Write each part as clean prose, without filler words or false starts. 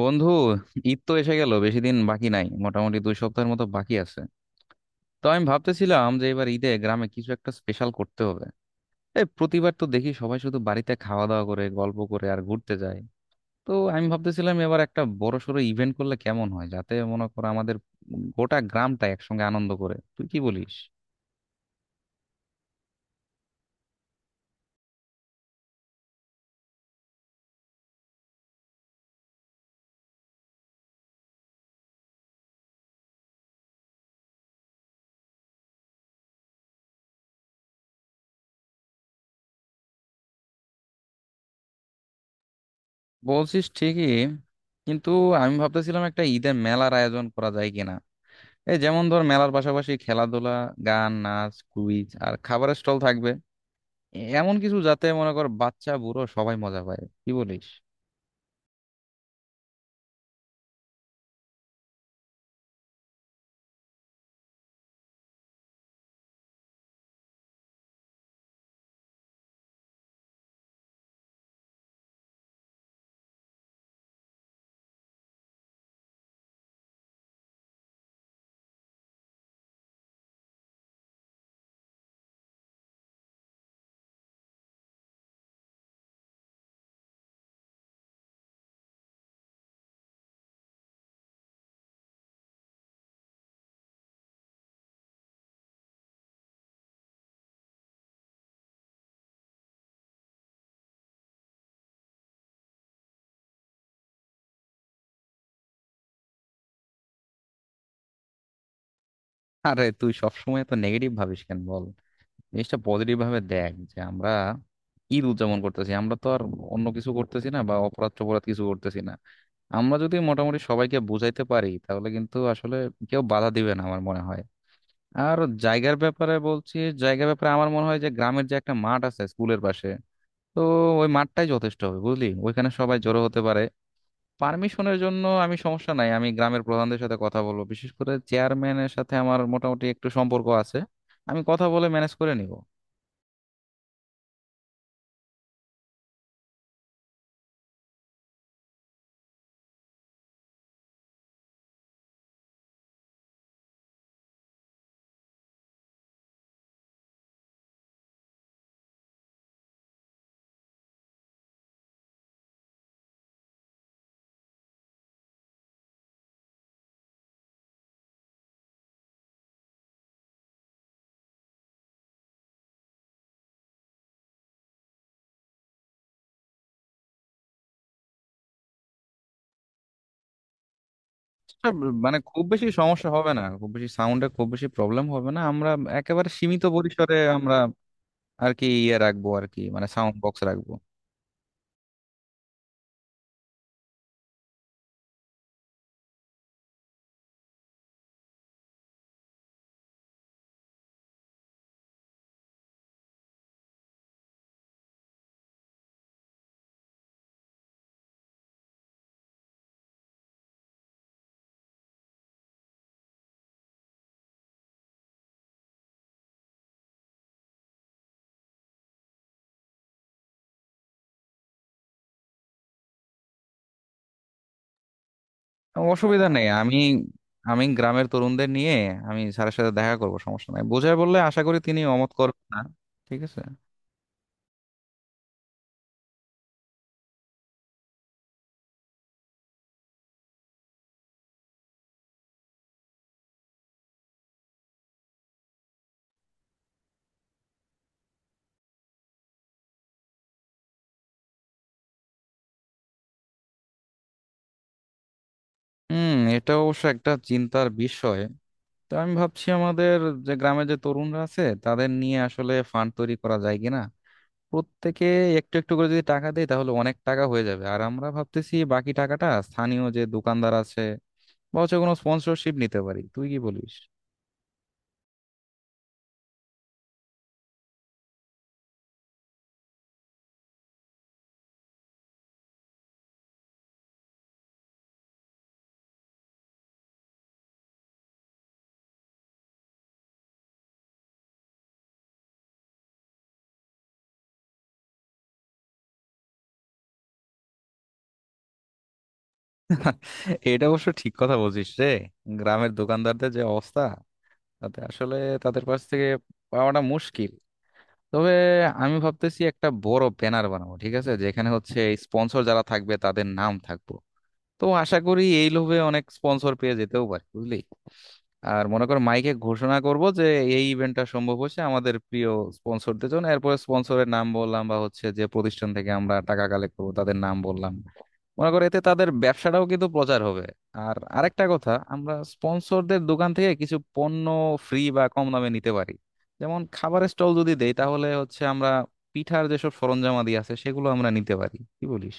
বন্ধু, ঈদ তো এসে গেল, বেশি দিন বাকি নাই, মোটামুটি 2 সপ্তাহের মতো বাকি আছে। তো আমি ভাবতেছিলাম যে এবার ঈদে গ্রামে কিছু একটা স্পেশাল করতে হবে। এই প্রতিবার তো দেখি সবাই শুধু বাড়িতে খাওয়া দাওয়া করে, গল্প করে আর ঘুরতে যায়। তো আমি ভাবতেছিলাম এবার একটা বড় সড়ো ইভেন্ট করলে কেমন হয়, যাতে মনে করো আমাদের গোটা গ্রামটা একসঙ্গে আনন্দ করে। তুই কি বলিস? বলছিস ঠিকই, কিন্তু আমি ভাবতেছিলাম একটা ঈদের মেলার আয়োজন করা যায় কিনা। এই যেমন ধর, মেলার পাশাপাশি খেলাধুলা, গান, নাচ, কুইজ আর খাবারের স্টল থাকবে। এমন কিছু যাতে মনে কর বাচ্চা বুড়ো সবাই মজা পায়। কি বলিস? আরে, তুই সবসময় তো নেগেটিভ ভাবিস কেন, বল। জিনিসটা পজিটিভ ভাবে দেখ যে আমরা ঈদ উদযাপন করতেছি, আমরা তো আর অন্য কিছু করতেছি না বা অপরাধ টপরাধ কিছু করতেছি না। আমরা যদি মোটামুটি সবাইকে বুঝাইতে পারি তাহলে কিন্তু আসলে কেউ বাধা দিবে না আমার মনে হয়। আর জায়গার ব্যাপারে বলছি, জায়গার ব্যাপারে আমার মনে হয় যে গ্রামের যে একটা মাঠ আছে স্কুলের পাশে, তো ওই মাঠটাই যথেষ্ট হবে বুঝলি, ওইখানে সবাই জড়ো হতে পারে। পারমিশনের জন্য আমি সমস্যা নাই, আমি গ্রামের প্রধানদের সাথে কথা বলবো, বিশেষ করে চেয়ারম্যানের সাথে আমার মোটামুটি একটু সম্পর্ক আছে। আমি কথা বলে ম্যানেজ করে নিব। এটা মানে খুব বেশি সমস্যা হবে না, খুব বেশি সাউন্ডে খুব বেশি প্রবলেম হবে না, আমরা একেবারে সীমিত পরিসরে আমরা আর কি ইয়ে রাখবো, আর কি মানে সাউন্ড বক্স রাখবো। অসুবিধা নেই, আমি আমি গ্রামের তরুণদের নিয়ে, আমি স্যারের সাথে দেখা করবো, সমস্যা নাই, বোঝায় বললে আশা করি তিনি অমত করবেন না। ঠিক আছে। হুম, এটা অবশ্য একটা চিন্তার বিষয়। তো আমি ভাবছি আমাদের যে গ্রামে যে তরুণরা আছে তাদের নিয়ে আসলে ফান্ড তৈরি করা যায় কিনা। প্রত্যেকে একটু একটু করে যদি টাকা দেয় তাহলে অনেক টাকা হয়ে যাবে, আর আমরা ভাবতেছি বাকি টাকাটা স্থানীয় যে দোকানদার আছে বা হচ্ছে কোনো স্পন্সরশিপ নিতে পারি। তুই কি বলিস? এটা অবশ্য ঠিক কথা বলছিস রে। গ্রামের দোকানদারদের যে অবস্থা, তাতে আসলে তাদের কাছ থেকে পাওয়াটা মুশকিল। তবে আমি ভাবতেছি একটা বড় ব্যানার বানাবো, ঠিক আছে, যেখানে হচ্ছে স্পন্সর যারা থাকবে তাদের নাম থাকবে। তো আশা করি এই লোভে অনেক স্পন্সর পেয়ে যেতেও পারি বুঝলি। আর মনে কর মাইকে ঘোষণা করব যে এই ইভেন্টটা সম্ভব হচ্ছে আমাদের প্রিয় স্পন্সরদের জন্য, এরপরে স্পন্সরের নাম বললাম বা হচ্ছে যে প্রতিষ্ঠান থেকে আমরা টাকা কালেক্ট করবো তাদের নাম বললাম। মনে করো এতে তাদের ব্যবসাটাও কিন্তু প্রচার হবে। আর আরেকটা কথা, আমরা স্পন্সরদের দোকান থেকে কিছু পণ্য ফ্রি বা কম দামে নিতে পারি। যেমন খাবারের স্টল যদি দেই তাহলে হচ্ছে আমরা পিঠার যেসব সরঞ্জামাদি আছে সেগুলো আমরা নিতে পারি। কি বলিস?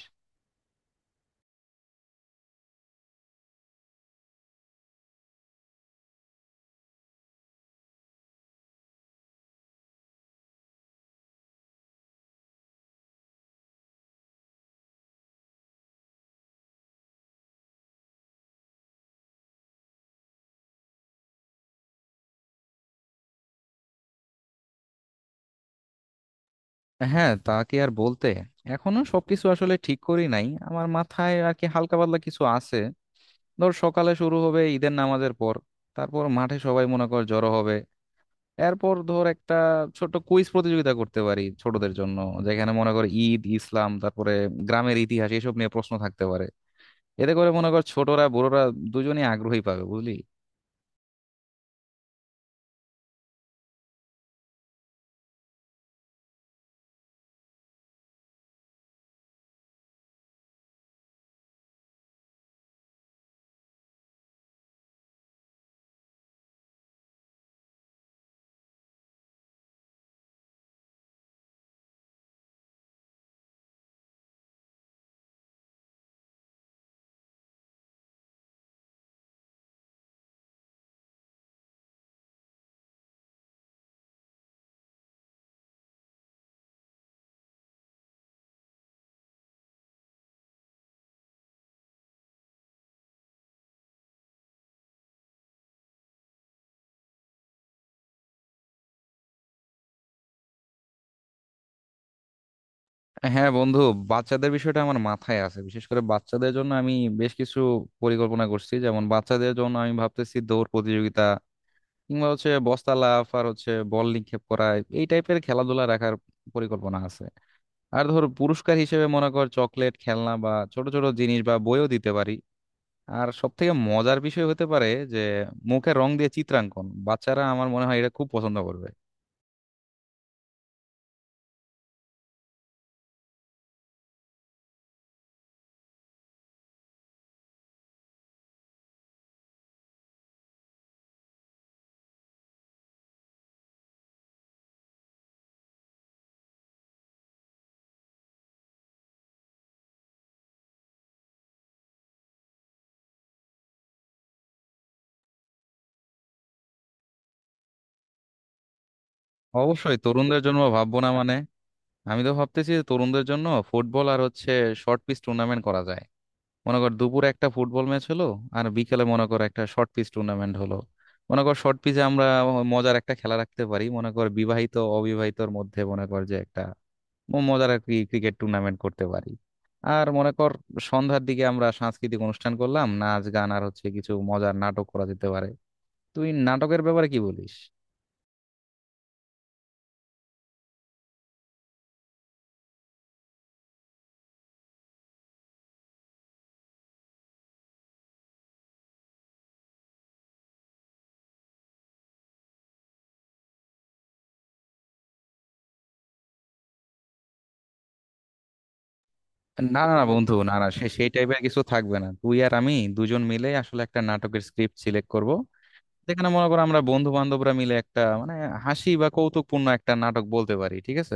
হ্যাঁ, তা কি আর বলতে। এখনো সবকিছু আসলে ঠিক করি নাই, আমার মাথায় আর কি হালকা পাতলা কিছু আছে। ধর সকালে শুরু হবে ঈদের নামাজের পর, তারপর মাঠে সবাই মনে কর জড়ো হবে। এরপর ধর একটা ছোট কুইজ প্রতিযোগিতা করতে পারি ছোটদের জন্য, যেখানে মনে কর ঈদ, ইসলাম, তারপরে গ্রামের ইতিহাস এসব নিয়ে প্রশ্ন থাকতে পারে। এতে করে মনে কর ছোটরা বড়রা দুজনেই আগ্রহী পাবে বুঝলি। হ্যাঁ বন্ধু, বাচ্চাদের বিষয়টা আমার মাথায় আছে, বিশেষ করে বাচ্চাদের জন্য আমি বেশ কিছু পরিকল্পনা করছি। যেমন বাচ্চাদের জন্য আমি ভাবতেছি দৌড় প্রতিযোগিতা কিংবা হচ্ছে বস্তা লাফ আর হচ্ছে বল নিক্ষেপ করা, এই টাইপের খেলাধুলা রাখার পরিকল্পনা আছে। আর ধর পুরস্কার হিসেবে মনে কর চকলেট, খেলনা বা ছোট ছোট জিনিস বা বইও দিতে পারি। আর সব থেকে মজার বিষয় হতে পারে যে মুখে রং দিয়ে চিত্রাঙ্কন, বাচ্চারা আমার মনে হয় এটা খুব পছন্দ করবে। অবশ্যই তরুণদের জন্য ভাববো না মানে, আমি তো ভাবতেছি যে তরুণদের জন্য ফুটবল আর হচ্ছে শর্ট পিচ টুর্নামেন্ট করা যায়। মনে কর দুপুরে একটা ফুটবল ম্যাচ হলো, আর বিকেলে মনে কর একটা শর্ট পিচ টুর্নামেন্ট হলো। মনে কর শর্ট পিচে আমরা মজার একটা খেলা রাখতে পারি, মনে কর বিবাহিত অবিবাহিতর মধ্যে মনে কর যে একটা মজার আর কি ক্রিকেট টুর্নামেন্ট করতে পারি। আর মনে কর সন্ধ্যার দিকে আমরা সাংস্কৃতিক অনুষ্ঠান করলাম, নাচ, গান আর হচ্ছে কিছু মজার নাটক করা যেতে পারে। তুই নাটকের ব্যাপারে কি বলিস? না না না বন্ধু, না না, সেই টাইপের কিছু থাকবে না। তুই আর আমি দুজন মিলে আসলে একটা নাটকের স্ক্রিপ্ট সিলেক্ট করব, যেখানে মনে করো আমরা বন্ধু বান্ধবরা মিলে একটা মানে হাসি বা কৌতুকপূর্ণ একটা নাটক বলতে পারি, ঠিক আছে।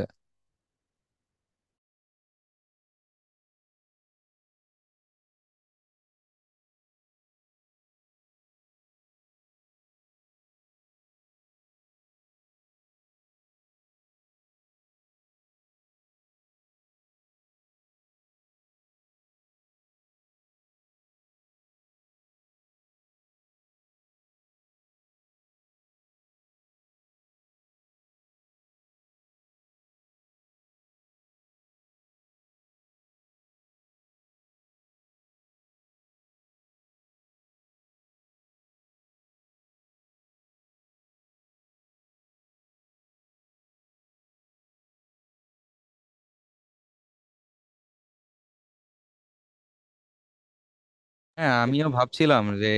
হ্যাঁ, আমিও ভাবছিলাম যে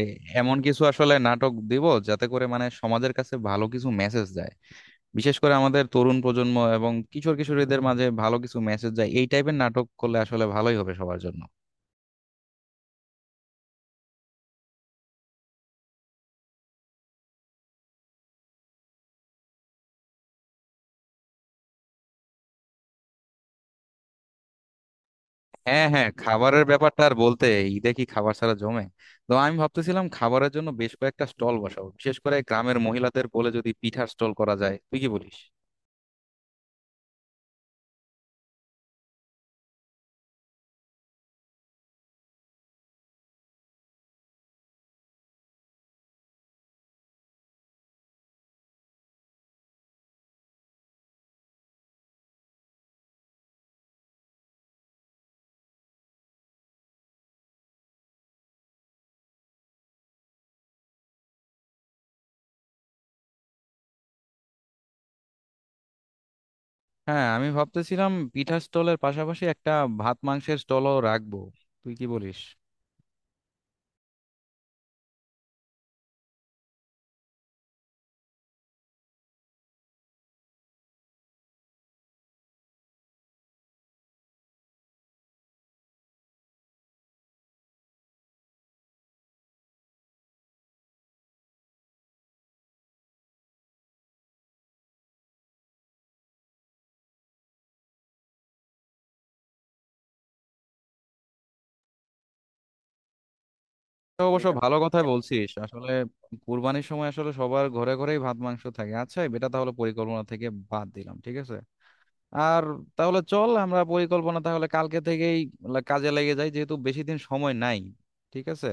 এমন কিছু আসলে নাটক দিব যাতে করে মানে সমাজের কাছে ভালো কিছু মেসেজ যায়, বিশেষ করে আমাদের তরুণ প্রজন্ম এবং কিশোর কিশোরীদের মাঝে ভালো কিছু মেসেজ যায়। এই টাইপের নাটক করলে আসলে ভালোই হবে সবার জন্য। হ্যাঁ হ্যাঁ, খাবারের ব্যাপারটা আর বলতে। ঈদে কি খাবার ছাড়া জমে? তো আমি ভাবতেছিলাম খাবারের জন্য বেশ কয়েকটা স্টল বসাবো, বিশেষ করে গ্রামের মহিলাদের বলে যদি পিঠার স্টল করা যায়। তুই কি বলিস? হ্যাঁ, আমি ভাবতেছিলাম পিঠার স্টলের পাশাপাশি একটা ভাত মাংসের স্টলও রাখবো। তুই কি বলিস? এটা অবশ্য, এটা ভালো কথাই বলছিস আসলে। কুরবানির সময় আসলে সবার ঘরে ঘরেই ভাত মাংস থাকে। আচ্ছা, এটা তাহলে পরিকল্পনা থেকে বাদ দিলাম, ঠিক আছে। আর তাহলে চল আমরা পরিকল্পনা তাহলে কালকে থেকেই কাজে লেগে যাই, যেহেতু বেশি দিন সময় নাই। ঠিক আছে।